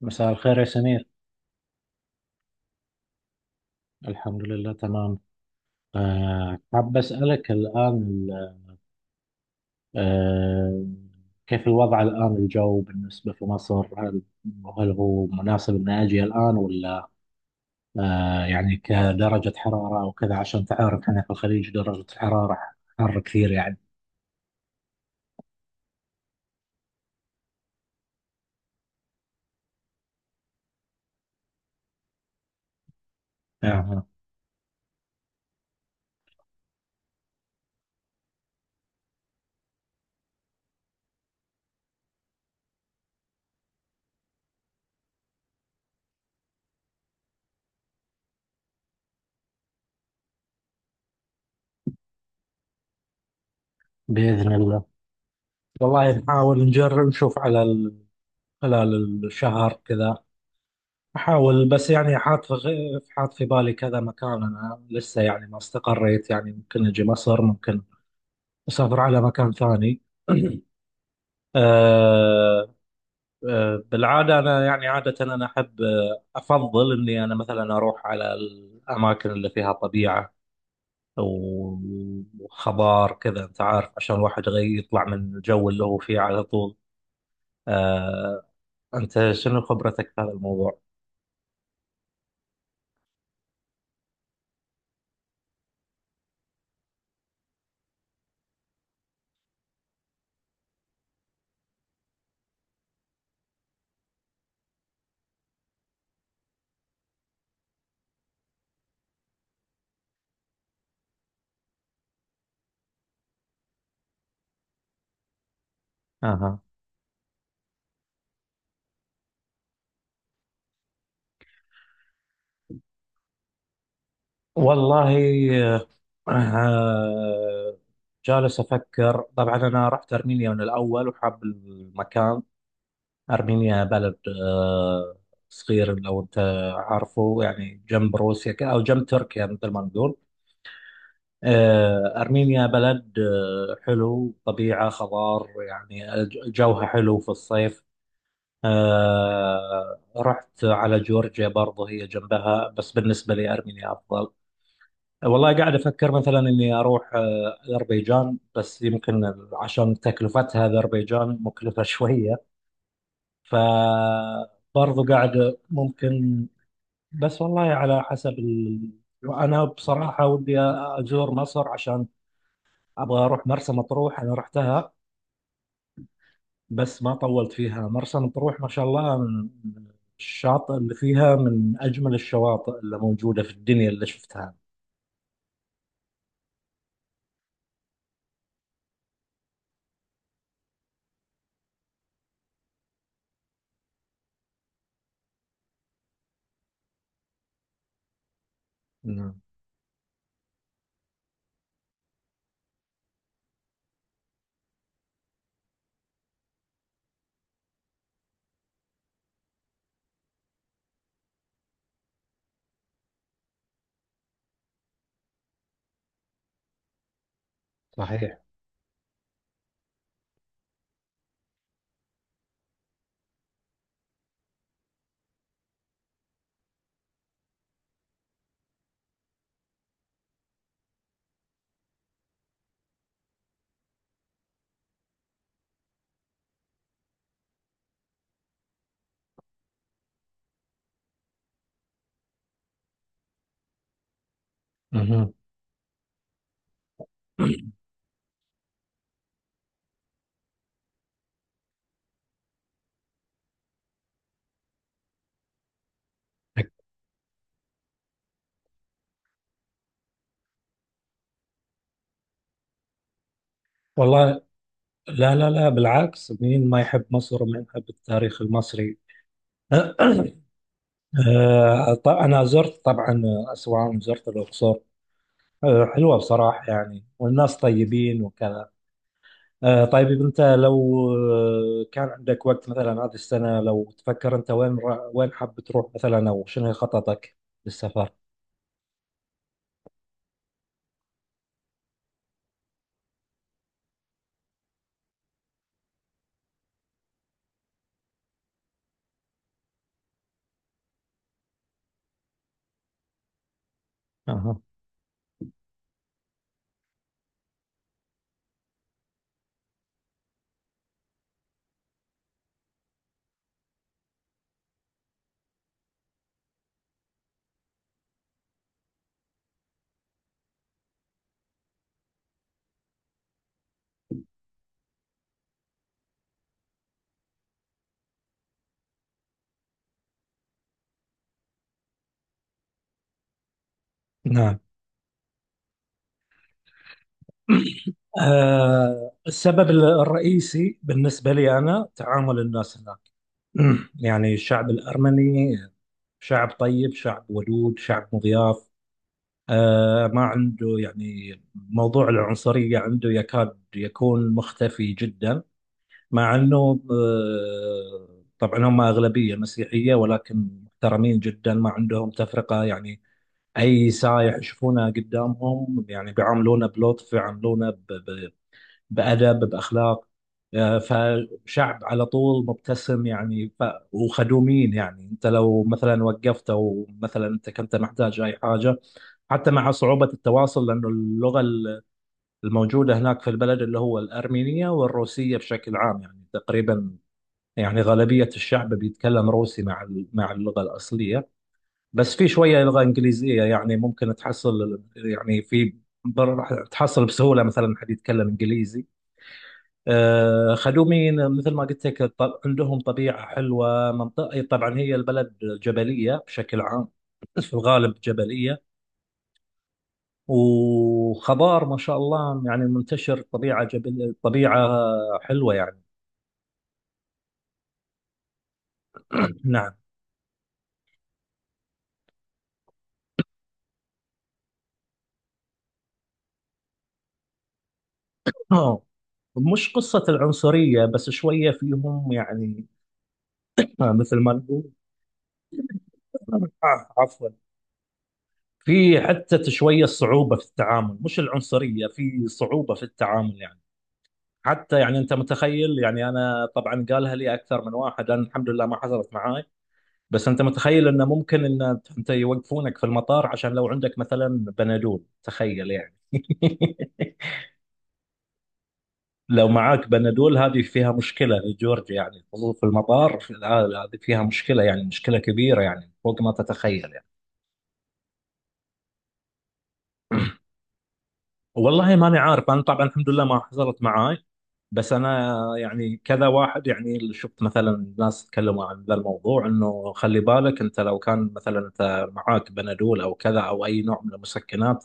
مساء الخير يا سمير. الحمد لله تمام. حاب أسألك الآن. أه كيف الوضع الآن، الجو بالنسبة في مصر، هل هو مناسب إني أجي الآن، ولا يعني كدرجة حرارة أو كذا؟ عشان تعرف هنا في الخليج درجة الحرارة حر كثير يعني. أه بإذن الله. والله نحاول نجرب نشوف على خلال الشهر كذا. أحاول، بس يعني حاط في حاط في بالي كذا مكان، أنا لسه يعني ما استقريت، يعني ممكن أجي مصر، ممكن أسافر على مكان ثاني. أه أه بالعادة أنا، يعني عادة أنا أحب، أفضل إني أنا مثلا أروح على الأماكن اللي فيها طبيعة و- وخضار كذا، أنت عارف، عشان الواحد يطلع من الجو اللي هو فيه على طول. أه أنت شنو خبرتك في هذا الموضوع؟ والله آه، جالس أفكر. طبعا أنا رحت أرمينيا من الأول وحاب المكان. أرمينيا بلد آه، صغير، لو أنت عارفه، يعني جنب روسيا أو جنب تركيا مثل ما نقول. أرمينيا بلد حلو، طبيعة، خضار، يعني جوها حلو في الصيف. رحت على جورجيا برضه، هي جنبها، بس بالنسبة لي أرمينيا أفضل. والله قاعد افكر مثلا اني اروح اذربيجان، بس يمكن عشان تكلفتها، اذربيجان مكلفه شويه، فبرضو قاعد ممكن، بس والله على حسب انا بصراحه ودي ازور مصر، عشان ابغى اروح مرسى مطروح. انا رحتها بس ما طولت فيها. مرسى مطروح ما شاء الله، من الشاطئ اللي فيها، من اجمل الشواطئ اللي موجوده في الدنيا اللي شفتها. نعم. صحيح. مهم. والله، لا لا لا، بالعكس، مين ما يحب مصر، ومين يحب التاريخ المصري؟ أنا زرت طبعا أسوان، زرت الأقصر، حلوة بصراحة يعني، والناس طيبين وكذا. طيب أنت لو كان عندك وقت مثلا هذه السنة، لو تفكر أنت وين وين حاب تروح مثلا، أو شنو خططك للسفر؟ أها. نعم. السبب الرئيسي بالنسبة لي أنا تعامل الناس هناك. يعني الشعب الأرمني شعب طيب، شعب ودود، شعب مضياف. ما عنده يعني موضوع العنصرية، عنده يكاد يكون مختفي جدا. مع أنه طبعا هم أغلبية مسيحية، ولكن محترمين جدا، ما عندهم تفرقة يعني. أي سايح يشوفونه قدامهم يعني بيعاملونه بلطف، يعاملونه بأدب، بأخلاق. فشعب على طول مبتسم يعني وخدومين. يعني انت لو مثلا وقفت، او مثلا انت كنت محتاج اي حاجه، حتى مع صعوبه التواصل، لانه اللغه الموجوده هناك في البلد اللي هو الارمينيه والروسيه بشكل عام، يعني تقريبا يعني غالبيه الشعب بيتكلم روسي مع مع اللغه الاصليه. بس في شويه لغه انجليزيه، يعني ممكن تحصل، يعني في راح تحصل بسهوله مثلا حد يتكلم انجليزي. خدومين مثل ما قلت لك. عندهم طبيعة حلوة، منطقة، طبعا هي البلد جبلية بشكل عام، في الغالب جبلية، وخضار ما شاء الله يعني منتشر، طبيعة جبل، طبيعة حلوة يعني. نعم. آه، مش قصة العنصرية، بس شوية فيهم يعني، مثل ما نقول. عفوا، في حتى شوية صعوبة في التعامل، مش العنصرية، في صعوبة في التعامل يعني. حتى يعني انت متخيل، يعني انا طبعا قالها لي اكثر من واحد، لان الحمد لله ما حصلت معاي. بس انت متخيل انه ممكن ان انت يوقفونك في المطار عشان لو عندك مثلا بنادول، تخيل يعني. لو معاك بنادول هذه فيها مشكله لجورج، يعني الحضور في المطار هذه فيها مشكله، يعني مشكله كبيره، يعني فوق ما تتخيل. والله ماني عارف، انا طبعا الحمد لله ما حصلت معاي، بس انا يعني كذا واحد يعني اللي شفت، مثلا ناس تكلموا عن ذا الموضوع، انه خلي بالك انت لو كان مثلا انت معاك بنادول او كذا، او اي نوع من المسكنات،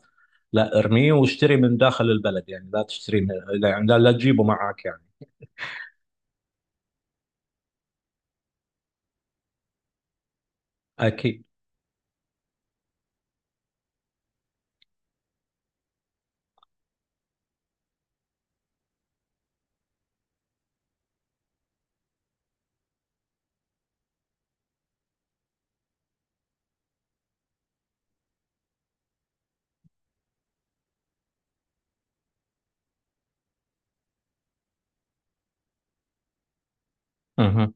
لا ارميه واشتري من داخل البلد، يعني لا تشتري، من يعني لا تجيبه معاك يعني. اكيد. مهم.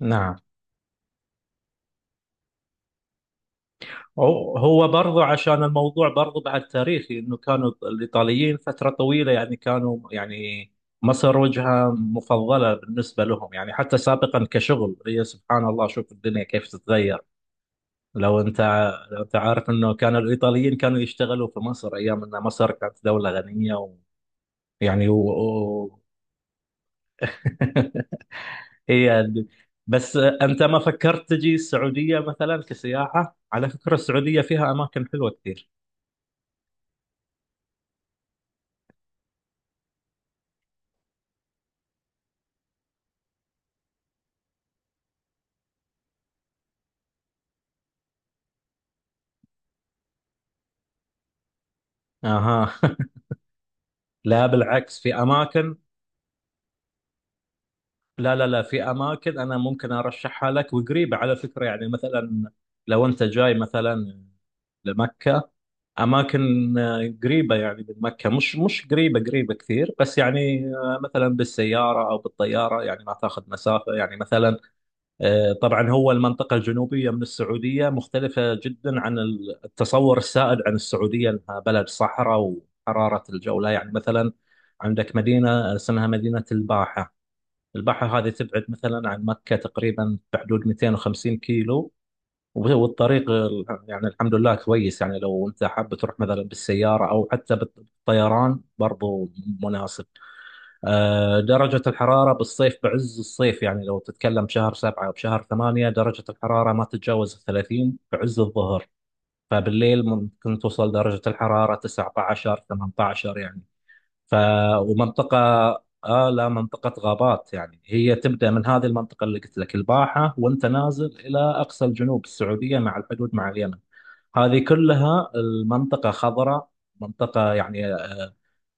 نعم. هو هو برضو، عشان الموضوع برضو بعد تاريخي، انه كانوا الايطاليين فتره طويله يعني كانوا يعني مصر وجهه مفضله بالنسبه لهم يعني. حتى سابقا كشغل، هي سبحان الله، شوف الدنيا كيف تتغير. لو انت لو انت عارف انه كان الايطاليين كانوا يشتغلوا في مصر ايام ان مصر كانت دوله غنيه. ويعني هي ال- بس انت ما فكرت تجي السعوديه مثلا كسياحه؟ على فكره السعوديه فيها اماكن حلوه كثير. اها لا بالعكس، في اماكن. لا لا لا، في اماكن انا ممكن ارشحها لك، وقريبه على فكره يعني. مثلا لو انت جاي مثلا لمكه، اماكن قريبه يعني من مكه، مش قريبه قريبه كثير، بس يعني مثلا بالسياره او بالطياره يعني ما تاخذ مسافه يعني. مثلا طبعا هو المنطقة الجنوبية من السعودية مختلفة جدا عن التصور السائد عن السعودية أنها بلد صحراء وحرارة الجو. لا يعني، مثلا عندك مدينة اسمها مدينة الباحة. الباحة هذه تبعد مثلا عن مكة تقريبا بحدود 250 كيلو، والطريق يعني الحمد لله كويس. يعني لو أنت حاب تروح مثلا بالسيارة أو حتى بالطيران، برضو مناسب. درجة الحرارة بالصيف، بعز الصيف، يعني لو تتكلم شهر سبعة أو شهر ثمانية، درجة الحرارة ما تتجاوز 30 بعز الظهر. فبالليل ممكن توصل درجة الحرارة 19 18 يعني. ف ومنطقة لا، منطقة غابات يعني، هي تبدأ من هذه المنطقة اللي قلت لك الباحة، وانت نازل إلى أقصى الجنوب السعودية مع الحدود مع اليمن، هذه كلها المنطقة خضراء، منطقة يعني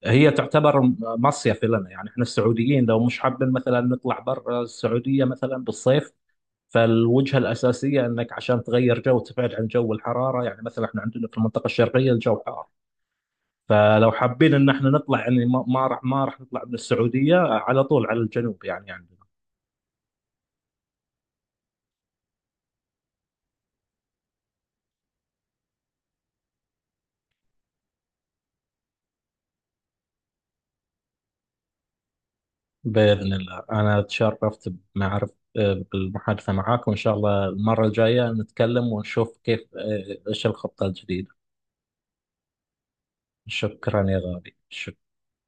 هي تعتبر مصيف لنا يعني. احنا السعوديين لو مش حابين مثلا نطلع برا السعودية مثلا بالصيف، فالوجهة الأساسية أنك عشان تغير جو، تبعد عن جو الحرارة. يعني مثلا احنا عندنا في المنطقة الشرقية الجو حار، فلو حابين أن احنا نطلع يعني، ما راح نطلع من السعودية على طول على الجنوب يعني، عندنا. بإذن الله، أنا تشرفت بمعرف بالمحادثة معاك، وإن شاء الله المرة الجاية نتكلم ونشوف كيف إيش الخطة الجديدة. شكرا يا غالي.